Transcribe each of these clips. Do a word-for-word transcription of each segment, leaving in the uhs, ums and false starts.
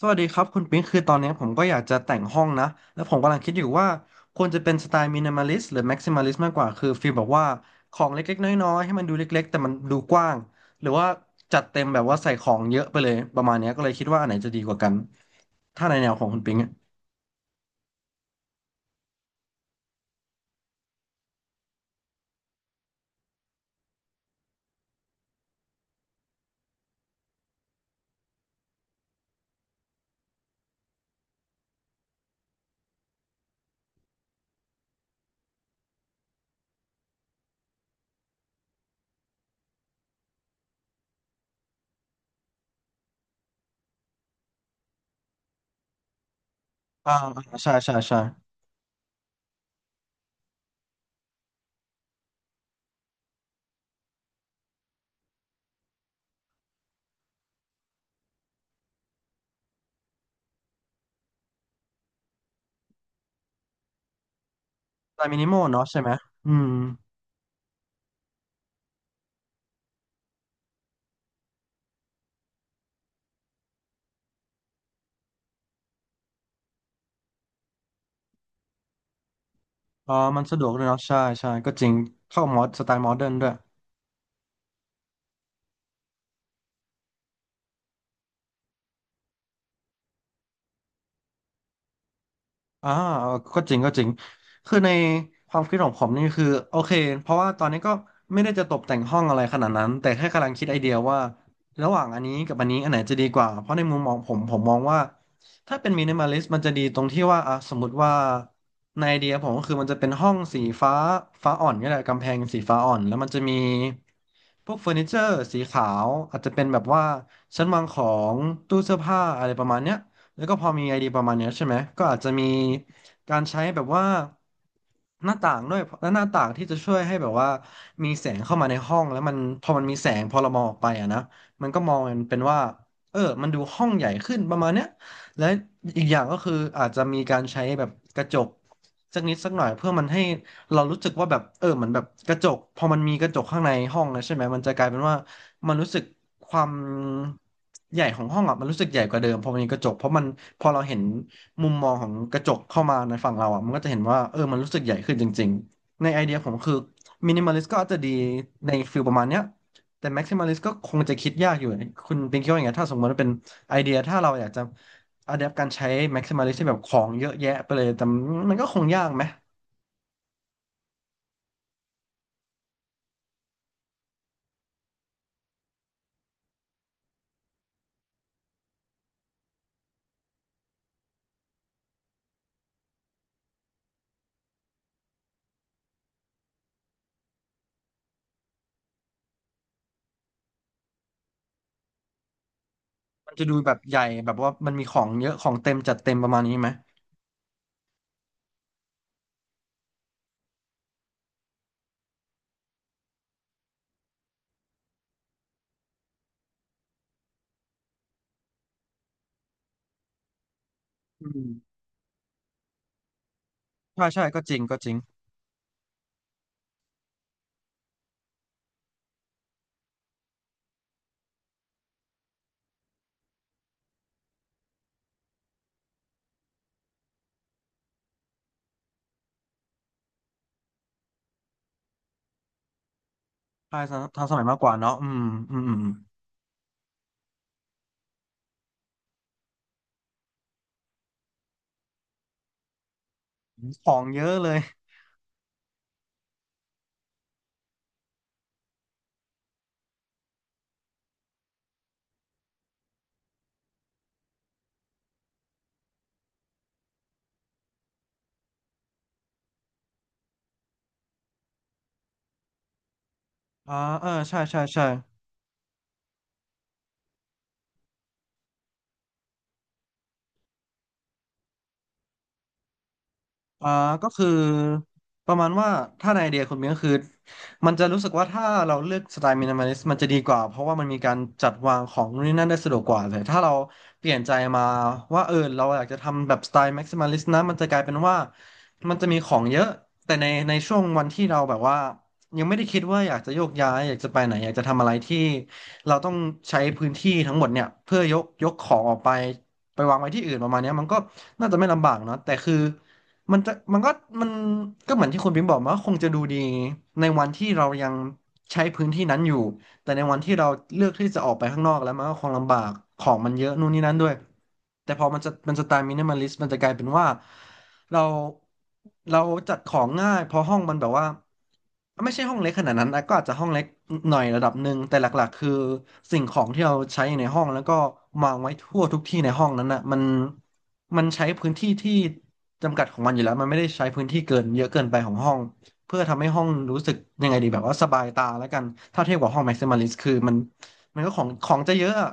สวัสดีครับคุณปิ๊งคือตอนนี้ผมก็อยากจะแต่งห้องนะแล้วผมกำลังคิดอยู่ว่าควรจะเป็นสไตล์มินิมอลิสต์หรือแม็กซิมอลิสต์มากกว่าคือฟีลแบบว่าของเล็กๆน้อยๆให้มันดูเล็กๆแต่มันดูกว้างหรือว่าจัดเต็มแบบว่าใส่ของเยอะไปเลยประมาณเนี้ยก็เลยคิดว่าอันไหนจะดีกว่ากันถ้าในแนวของคุณปิ๊งอะอ่าใช่ใช่ใช่สไตล์มินิมอลเนาะใช่ไหมอืมอ่ามันสะดวกด้วยเนาะใช่ใช่ก็จริงเข้ามอดสไตล์โมเดิร์นด้วย อ่าก็จริงก็จริงคือในความคิดของผมนี่คือโอเคเพราะว่าตอนนี้ก็ไม่ได้จะตกแต่งห้องอะไรขนาดนั้นแต่แค่กำลังคิดไอเดียว่าระหว่างอันนี้กับอันนี้อันไหนจะดีกว่าเพราะในมุมมองผมผมมองว่าถ้าเป็นมินิมอลิสต์มันจะดีตรงที่ว่าอ่ะสมมติว่าในไอเดียผมก็คือมันจะเป็นห้องสีฟ้าฟ้าอ่อนก็ได้กำแพงสีฟ้าอ่อนแล้วมันจะมีพวกเฟอร์นิเจอร์สีขาวอาจจะเป็นแบบว่าชั้นวางของตู้เสื้อผ้าอะไรประมาณเนี้ย แล้วก็พอมีไอเดียประมาณเนี้ยใช่ไหมก็อาจจะมีการใช้แบบว่าหน้าต่างด้วยและหน้าต่างที่จะช่วยให้แบบว่ามีแสงเข้ามาในห้องแล้วมันพอมันมีแสงพอเรามองออกไปอะนะมันก็มองมันเป็นว่าเออมันดูห้องใหญ่ขึ้นประมาณเนี้ยและอีกอย่างก็คืออาจจะมีการใช้แบบกระจกสักนิดสักหน่อยเพื่อมันให้เรารู้สึกว่าแบบเออเหมือนแบบกระจกพอมันมีกระจกข้างในห้องนะใช่ไหมมันจะกลายเป็นว่า มันรู้สึกความใหญ่ของห้องอ่ะมันรู้สึกใหญ่กว่าเดิมพอมันมีกระจกเพราะมันพอเราเห็นมุมมองของกระจกเข้ามาในฝั่งเราอ่ะมันก็จะเห็นว่าเออมันรู้สึกใหญ่ขึ้นจริงๆในไอเดียผมคือมินิมอลิสก็อาจจะดีในฟิลประมาณเนี้ยแต่แม็กซิมอลิสก็คงจะคิดยากอยู่คุณเปินคิดว่าอย่างไงถ้าสมมติว่าเป็นไอเดียถ้าเราอยากจะอะแดปการใช้แม็กซิมอลิสที่แบบของเยอะแยะไปเลยแต่มันก็คงยากไหมมันจะดูแบบใหญ่แบบว่ามันมีของเยอะของเต็มจัดเต็มประมาณนี้ไหมอืมใช่ใช่ก็จริงก็จริง ใช่ทันทันสมัยมากกว่าเนาะอืมอืม อืม ของเยอะเลยอ่าเออ ใช่ใช่ใช่ อ่าก็คือประมาณว่าถ้าในไอเดียคุณเมียก็คือมันจะรู้สึกว่าถ้าเราเลือกสไตล์มินิมอลิสต์มันจะดีกว่าเพราะว่ามันมีการจัดวางของนู่นนี่นั่นได้สะดวกกว่าเลยถ้าเราเปลี่ยนใจมาว่าเออเราอยากจะทำแบบสไตล์แม็กซิมัลิสต์นะมันจะกลายเป็นว่ามันจะมีของเยอะแต่ในในช่วงวันที่เราแบบว่ายังไม่ได้คิดว่าอยากจะโยกย้ายอยากจะไปไหนอยากจะทำอะไรที่เราต้องใช้พื้นที่ทั้งหมดเนี่ยเพื่อยกยกของออกไปไปวางไว้ที่อื่นประมาณเนี้ยมันก็น่าจะไม่ลำบากเนาะแต่คือ มันจะมันก็มันก็เหมือนที่คุณพิมพ์บอกมาว่าคงจะดูดีในวันที่เรายังใช้พื้นที่นั้นอยู่ แต่ในวันที่เราเลือกที่จะออกไปข้างนอกแล้วมันก็คงลำบากของมันเยอะนู่นนี่นั่นด้วยแต่พอมันจะมันจะตายมินิมอลิสมันจะกลายเป็นว่าเราเราจัดของง่ายเพราะห้องมันแบบว่าไม่ใช่ห้องเล็กขนาดนั้นนะก็อาจจะห้องเล็กหน่อยระดับหนึ่งแต่หลักๆคือสิ่งของที่เราใช้ในห้องแล้วก็วางไว้ทั่วทุกที่ในห้องนั้นนะมันมันใช้พื้นที่ที่จำกัดของมันอยู่แล้วมันไม่ได้ใช้พื้นที่เกินเยอะเกินไปของห้อง เพื่อทำให้ห้องรู้สึกยังไงดีแบบว่าสบายตาแล้วกันถ้าเทียบกับห้อง maximalist คือมันมันก็ของของจะเยอะอะ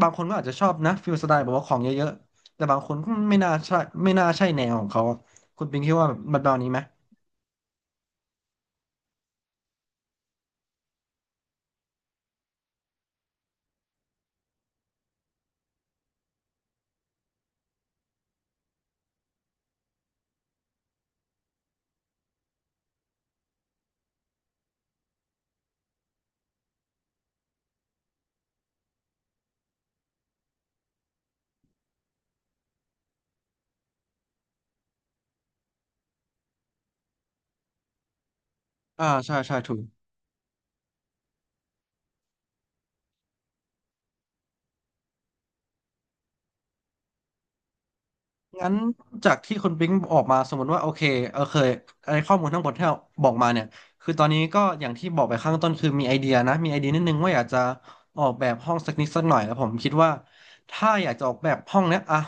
บางคนก็อาจจะชอบนะฟิลสไตล์แบบว่าของเยอะๆแต่บางคนก็ไม่น่าใช่ไม่น่าใช่แนวของเขาอะคุณปิงคิดว่าแบบแบบนี้ไหมอ่าใช่ใช่ถูก งั้นจากที่คุณปิ๊งออกมาสมมติว่าโอเคเออเคยไอข้อมูลทั้งหมดที่เราบอกมาเนี่ยคือตอนนี้ก็อย่างที่บอกไปข้างต้นคือมีไอเดียนะมีไอเดียนิดนึงว่าอยากจะออกแบบห้องสักนิดสักหน่อยแล้วผมคิดว่าถ้าอยากจะออกแบบห้องเนี้ยอ่ะ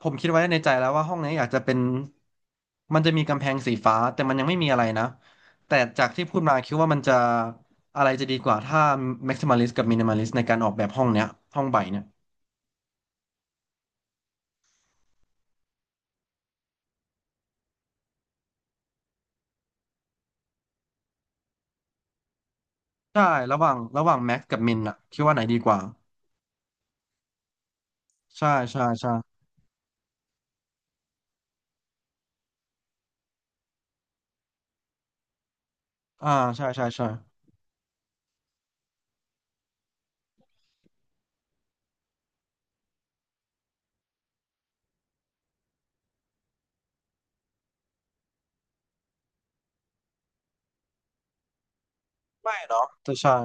ผมคิดไว้ในใจแล้วว่าห้องเนี้ยอยากจะเป็นมันจะมีกำแพงสีฟ้าแต่มันยังไม่มีอะไรนะแต่จากที่พูดมาคิดว่ามันจะอะไรจะดีกว่าถ้า maximalist กับ minimalist ในการออกแบบห้องเนี้ยห้องใบเนี่ย ใช่ ระหว่าง ระหว่างแม็กกับมินอะคิดว่าไหนดีกว่า ใช่ใช่ใช่อ่า ใช่ใช่ใช่ไม่เนาะแต่ใช่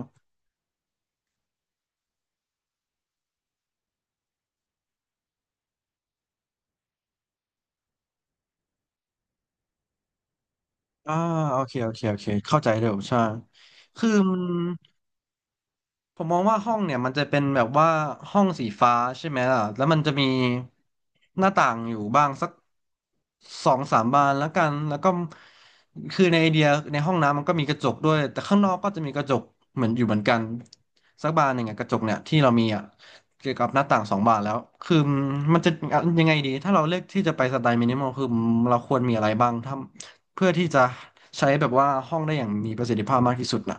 อ่า โอเคโอเคโอเคเข้าใจเร็วใช่ คือมัน ผมมองว่าห้องเนี่ยมันจะเป็นแบบว่าห้องสีฟ้าใช่ไหมล่ะแล้วมันจะมีหน้าต่างอยู่บ้างสักสองสามบานแล้วกันแล้วก็คือในไอเดียในห้องน้ำมันก็มีกระจกด้วยแต่ข้างนอกก็จะมีกระจกเหมือนอยู่เหมือนกันสักบานหนึ่งอะกระจกเนี่ยที่เรามีอะเกี่ยวกับหน้าต่างสองบานแล้วคือมันจะยังไงดีถ้าเราเลือกที่จะไปสไตล์มินิมอลคือเราควรมีอะไรบ้างถ้าเพื่อที่จะใช้แบบว่าห้องได้อย่างมีประสิทธิภาพมากที่สุดนะ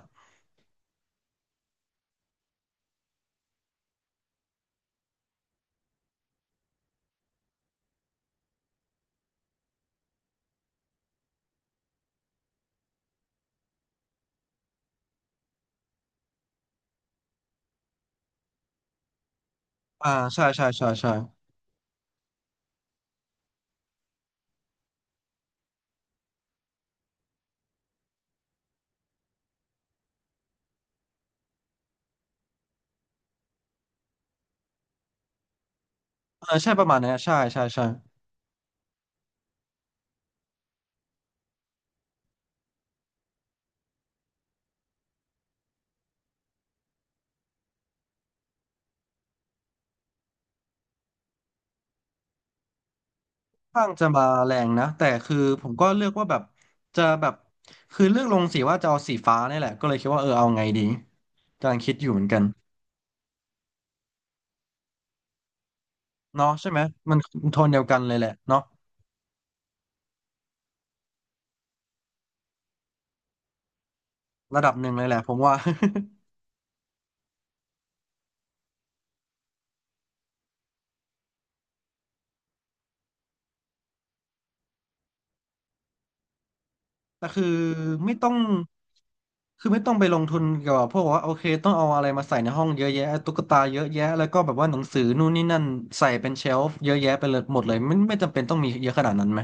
อ่าใช่ใช่ใช่ใช่ เออใช่ประมาณเนี้ยใช่ใช่ใช่ค่อนข้างจะมาแรงนะแต่คือผมก็เลือกว่าแบบจะแบบคือเลือกลงสีว่าจะเอาสีฟ้าเนี่ยแหละก็เลยคิดว่าเออเอาไงดีกำลังคิดอยู่เหมือนกันเนาะใช่ไหมมันโทนเดียวกันเลยแหละเนาะระดับหนึ่งเลยแหละผมว่า แต่คือไม่ต้องคือไม่ต้องไปลงทุนเกี่ยวกับพวกว่าโอเคต้องเอาอะไรมาใส่ในห้องเยอะแยะตุ๊กตาเยอะแยะแล้วก็แบบว่าหนังสือนู่นนี่นั่นใส่เป็นเชลฟ์เยอะแยะไปเลยหมดเลยไม่ไม่จำเป็นต้องมีเยอะขนาดนั้นไหม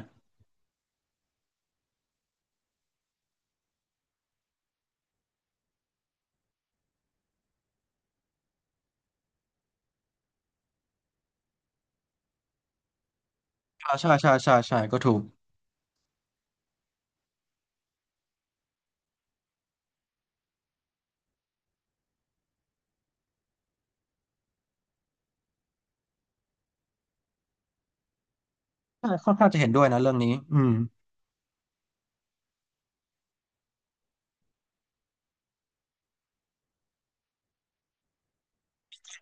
อ่าใช่ใช่ใช่ใช่ก็ถูก ใช่ค่อนข้างจะเห็นด้วยนะเรื่องนี้อืม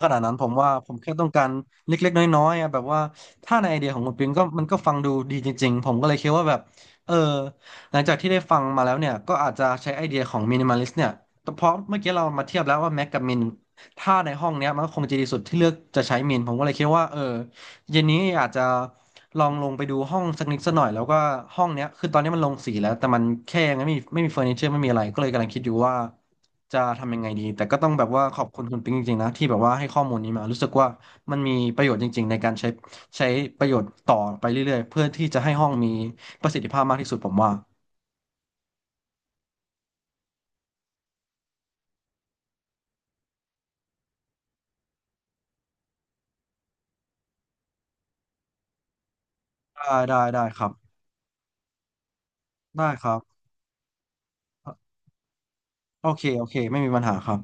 ขนาดนั้นผมว่าผมแค่ต้องการเล็กๆน้อยๆอะแบบว่าถ้าในไอเดียของคุณปิงก็มันก็ฟังดูดีจริงๆผมก็เลยคิดว่าแบบเออหลังจากที่ได้ฟังมาแล้วเนี่ยก็อาจจะใช้ไอเดียของมินิมอลิสเนี่ยแต่เพราะเมื่อกี้เรามาเทียบแล้วว่าแม็กกับมินถ้าในห้องเนี้ยมันก็คงจะดีสุดที่เลือกจะใช้มินผมก็เลยคิดว่าเออ เย็นนี้อาจจะลองลงไปดูห้องสักนิดสักหน่อยแล้วก็ห้องเนี้ยคือตอนนี้มันลงสีแล้วแต่มันแค่ยังไม่มีไม่มีเฟอร์นิเจอร์ไม่มีอะไรก็เลยกำลังคิดอยู่ว่าจะทำยังไงดีแต่ก็ต้องแบบว่าขอบคุณคุณปิ๊งจริงๆนะที่แบบว่าให้ข้อมูลนี้มารู้สึกว่ามันมีประโยชน์จริงๆในการใช้ใช้ประโยชน์ต่อไปเรื่อยๆเพื่อที่จะให้ห้องมีประสิทธิภาพมากที่สุดผมว่าได้ได้ได้ครับได้ครับโอเคโอเคไม่มีปัญหาครับ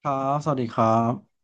ครับสวัสดีครับ